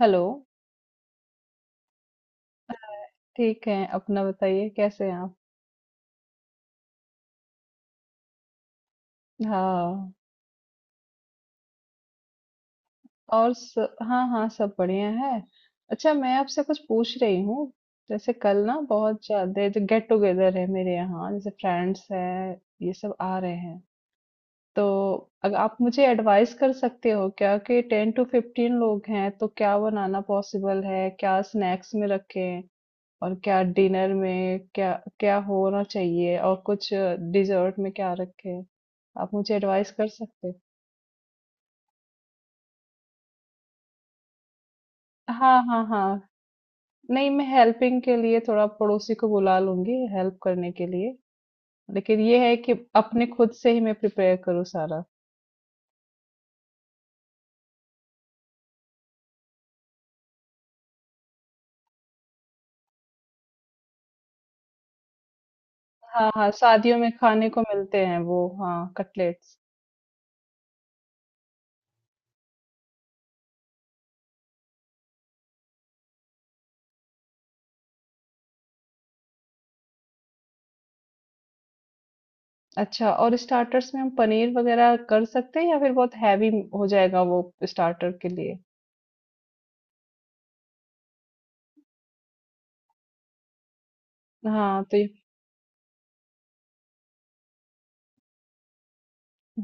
Hello. ठीक है, अपना बताइए, कैसे हैं आप? हाँ। और स, हाँ हाँ, सब बढ़िया है। अच्छा, मैं आपसे कुछ पूछ रही हूँ। जैसे कल ना बहुत ज्यादा जो गेट टुगेदर है मेरे यहाँ, जैसे फ्रेंड्स हैं, ये सब आ रहे हैं। तो अगर आप मुझे एडवाइस कर सकते हो क्या, कि टेन टू फिफ्टीन लोग हैं तो क्या बनाना पॉसिबल है, क्या स्नैक्स में रखें, और क्या डिनर में क्या क्या होना चाहिए, और कुछ डिजर्ट में क्या रखें? आप मुझे एडवाइस कर सकते हो? हाँ हाँ हाँ। नहीं, मैं हेल्पिंग के लिए थोड़ा पड़ोसी को बुला लूंगी हेल्प करने के लिए, लेकिन ये है कि अपने खुद से ही मैं प्रिपेयर करूँ सारा। हाँ हाँ, शादियों में खाने को मिलते हैं वो, हाँ, कटलेट्स। अच्छा, और स्टार्टर्स में हम पनीर वगैरह कर सकते हैं, या फिर बहुत हैवी हो जाएगा वो स्टार्टर के लिए? हाँ, तो ये।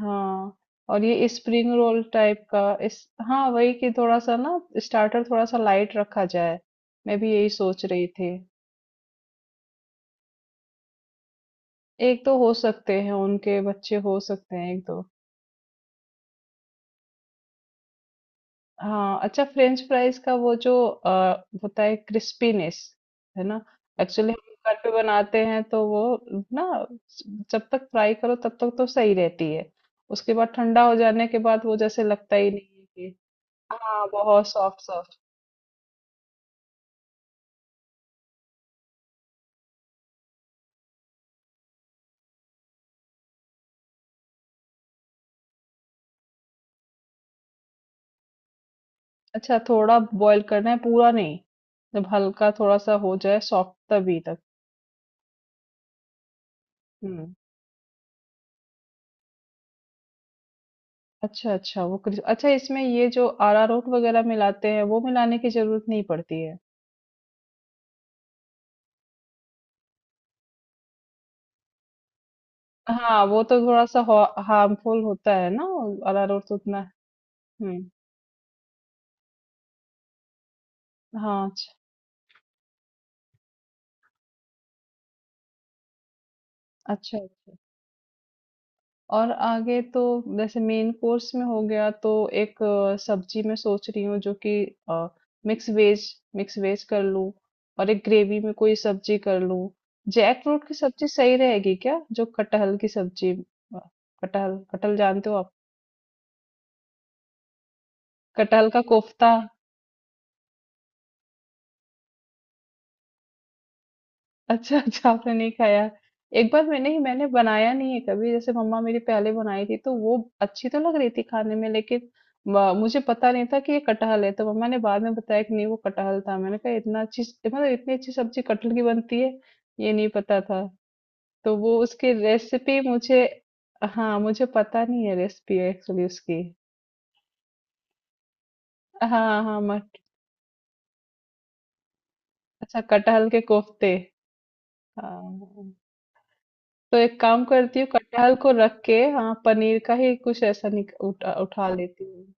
हाँ, और ये स्प्रिंग रोल टाइप का। इस हाँ, वही कि थोड़ा सा ना स्टार्टर थोड़ा सा लाइट रखा जाए, मैं भी यही सोच रही थी। 1 तो हो सकते हैं, उनके बच्चे हो सकते हैं 1-2। हाँ, अच्छा फ्रेंच फ्राइज़ का वो जो होता है क्रिस्पीनेस, है ना? एक्चुअली हम घर पे बनाते हैं तो वो ना, जब तक फ्राई करो तब तक तो सही रहती है। उसके बाद ठंडा हो जाने के बाद वो जैसे लगता ही नहीं है कि। हाँ, बहुत सॉफ्ट-सॉफ्ट। अच्छा, थोड़ा बॉयल करना है, पूरा नहीं। जब हल्का थोड़ा-सा हो जाए सॉफ्ट, तभी तक। हुँ। अच्छा, अच्छा वो क्रिस अच्छा, इसमें ये जो अरारोट वगैरह मिलाते हैं वो मिलाने की जरूरत नहीं पड़ती है। हाँ, वो तो थोड़ा-सा हो। हार्मफुल होता है ना, अरारोट तो उतना। हुँ। हाँ. अच्छा, अच्छा। और आगे तो जैसे मेन कोर्स में हो गया तो एक सब्जी मैं सोच रही हूँ, जो कि अ, मिक्स वेज मिक्स वेज कर लूँ, और एक ग्रेवी में कोई सब्जी कर लूँ। जैकफ्रूट की सब्जी सही रहेगी क्या? जो कटहल की सब्जी। अ, कटहल कटहल जानते हो आप? कटहल का कोफ्ता। अच्छा, अच्छा आपने नहीं खाया। एक बार मैंने बनाया नहीं है कभी, जैसे मम्मा मेरी पहले बनाई थी तो वो अच्छी तो लग रही थी खाने में, लेकिन मुझे पता नहीं था कि ये कटहल है, तो मम्मा ने बाद में बताया कि नहीं वो कटहल था। मैंने कहा इतना अच्छी, मतलब इतनी अच्छी सब्जी कटहल की बनती है, ये नहीं पता था। तो वो उसकी रेसिपी मुझे। हाँ, मुझे पता नहीं है रेसिपी एक्चुअली उसकी। हाँ हाँ। मट अच्छा, कटहल के कोफ्ते। हाँ। तो एक काम करती हूँ, कटहल को रख के, हाँ, पनीर का ही कुछ ऐसा उठा लेती हूँ।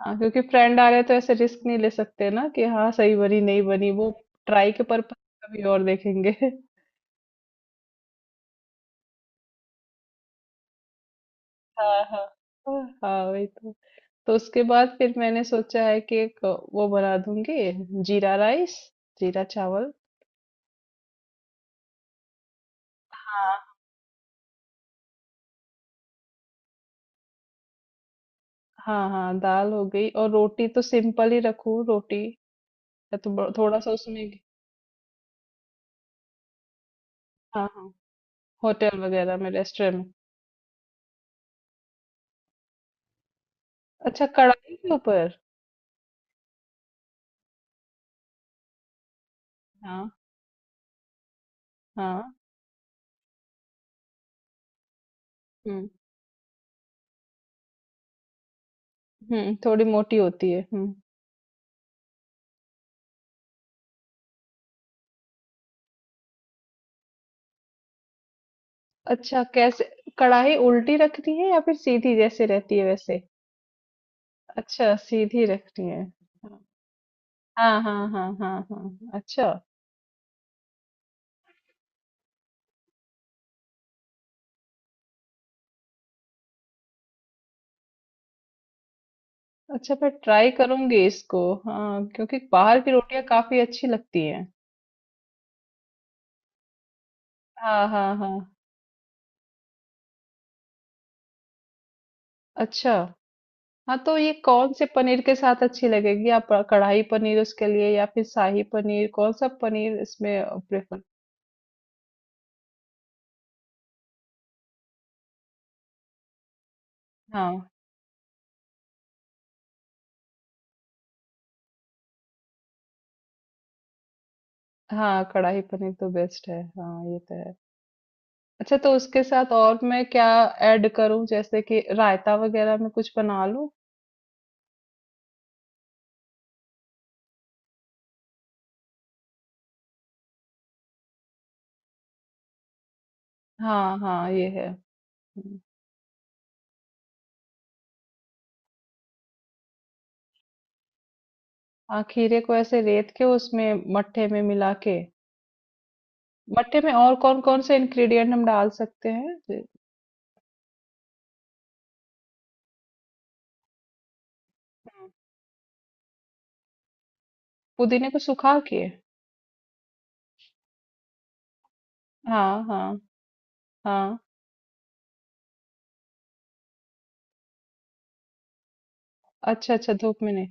हाँ, क्योंकि फ्रेंड आ रहे हैं तो ऐसे रिस्क नहीं ले सकते ना, कि हाँ सही बनी नहीं बनी, वो ट्राई के पर्पज कभी और देखेंगे। हाँ हाँ हाँ। हाँ, वही तो। तो उसके बाद फिर मैंने सोचा है कि एक वो बना दूंगी, जीरा राइस, जीरा चावल। हाँ हाँ हाँ, दाल हो गई, और रोटी तो सिंपल ही रखूं, रोटी या तो थोड़ा सा उसमें। हाँ हाँ, होटल वगैरह में, रेस्टोरेंट में। अच्छा, कढ़ाई के ऊपर। हाँ हाँ, हम्म, थोड़ी मोटी होती है, हम्म। अच्छा कैसे, कढ़ाई उल्टी रखती है या फिर सीधी जैसे रहती है वैसे? अच्छा सीधी रखती है। हाँ हाँ हाँ हाँ हाँ, अच्छा। अच्छा, मैं ट्राई करूंगी इसको। हाँ, क्योंकि बाहर की रोटियां काफी अच्छी लगती हैं। हाँ हाँ हाँ, अच्छा। हाँ, तो ये कौन से पनीर के साथ अच्छी लगेगी, आप कढ़ाई पनीर उसके लिए, या फिर शाही पनीर, कौन सा पनीर इसमें प्रेफर? हाँ हाँ, कढ़ाई पनीर तो बेस्ट है, हाँ ये तो है। अच्छा, तो उसके साथ और मैं क्या ऐड करूं, जैसे कि रायता वगैरह में कुछ बना लूं? हाँ हाँ, ये है। हम्म। हाँ, खीरे को ऐसे रेत के उसमें मट्ठे में मिला के, मट्ठे में और कौन कौन से इंग्रेडिएंट हम डाल सकते हैं? पुदीने को सुखा के? हाँ हाँ हाँ, अच्छा, अच्छा धूप में नहीं।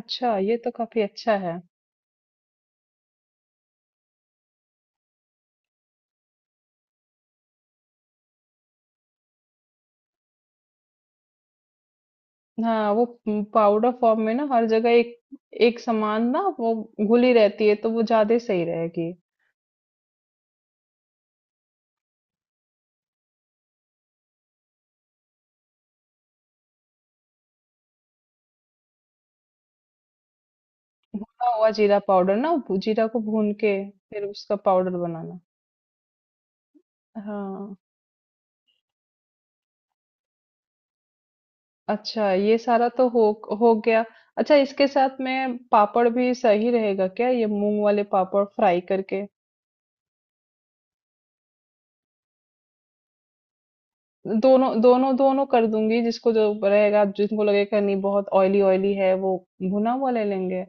अच्छा, ये तो काफी अच्छा है। हाँ, वो पाउडर फॉर्म में ना, हर जगह एक एक समान ना वो घुली रहती है, तो वो ज्यादा सही रहेगी। भुना हुआ जीरा पाउडर ना, जीरा को भून के फिर उसका पाउडर बनाना। हाँ। अच्छा, ये सारा तो हो गया। अच्छा, इसके साथ में पापड़ भी सही रहेगा क्या, ये मूंग वाले पापड़ फ्राई करके? दोनों दोनों दोनों कर दूंगी, जिसको जो रहेगा, जिनको लगेगा नहीं बहुत ऑयली ऑयली है, वो भुना हुआ ले लेंगे।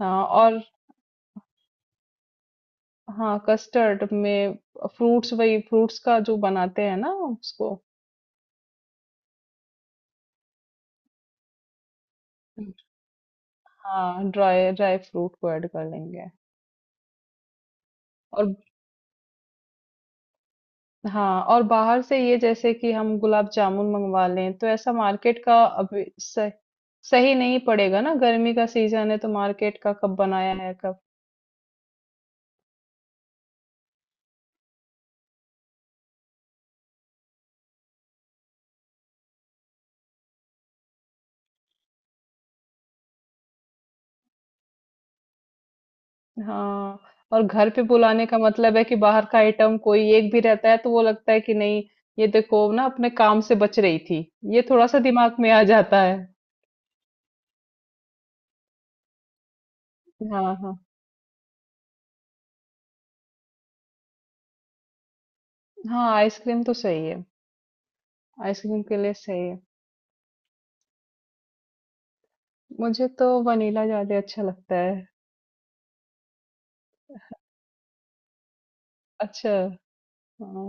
हाँ, और हाँ, कस्टर्ड में फ्रूट्स, वही फ्रूट्स का जो बनाते हैं ना उसको। हम्म, हाँ, ड्राई ड्राई फ्रूट को ऐड कर लेंगे। और हाँ, और बाहर से ये, जैसे कि हम गुलाब जामुन मंगवा लें, तो ऐसा मार्केट का अभी सही सही नहीं पड़ेगा ना, गर्मी का सीजन है तो मार्केट का कब बनाया है कब। हाँ, और घर पे बुलाने का मतलब है कि बाहर का आइटम कोई एक भी रहता है तो वो लगता है कि नहीं, ये देखो ना अपने काम से बच रही थी, ये थोड़ा सा दिमाग में आ जाता है। हाँ हाँ हाँ, आइसक्रीम तो सही है, आइसक्रीम के लिए सही है। मुझे तो वनीला ज्यादा अच्छा लगता है। अच्छा। हाँ।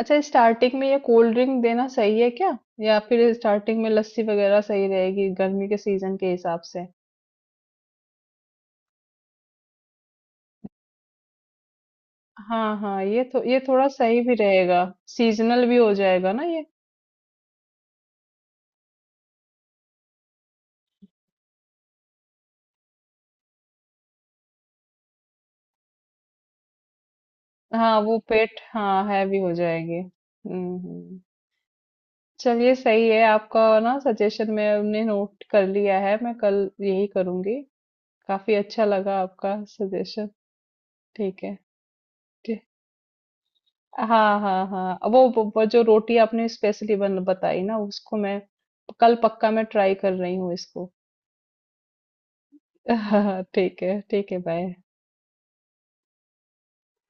अच्छा, स्टार्टिंग में ये कोल्ड ड्रिंक देना सही है क्या, या फिर स्टार्टिंग में लस्सी वगैरह सही रहेगी गर्मी के सीजन के हिसाब से? हाँ हाँ, ये थोड़ा सही भी रहेगा। सीजनल भी हो जाएगा ना ये। हाँ, वो पेट, हाँ, हैवी हो जाएगी। चलिए, सही है आपका ना सजेशन, मैं हमने नोट कर लिया है, मैं कल यही करूंगी। काफी अच्छा लगा आपका सजेशन। ठीक है। ठीक। हाँ हाँ हाँ, वो जो रोटी आपने स्पेशली बन बताई ना, उसको मैं कल पक्का, मैं ट्राई कर रही हूँ इसको। ठीक है ठीक है, बाय।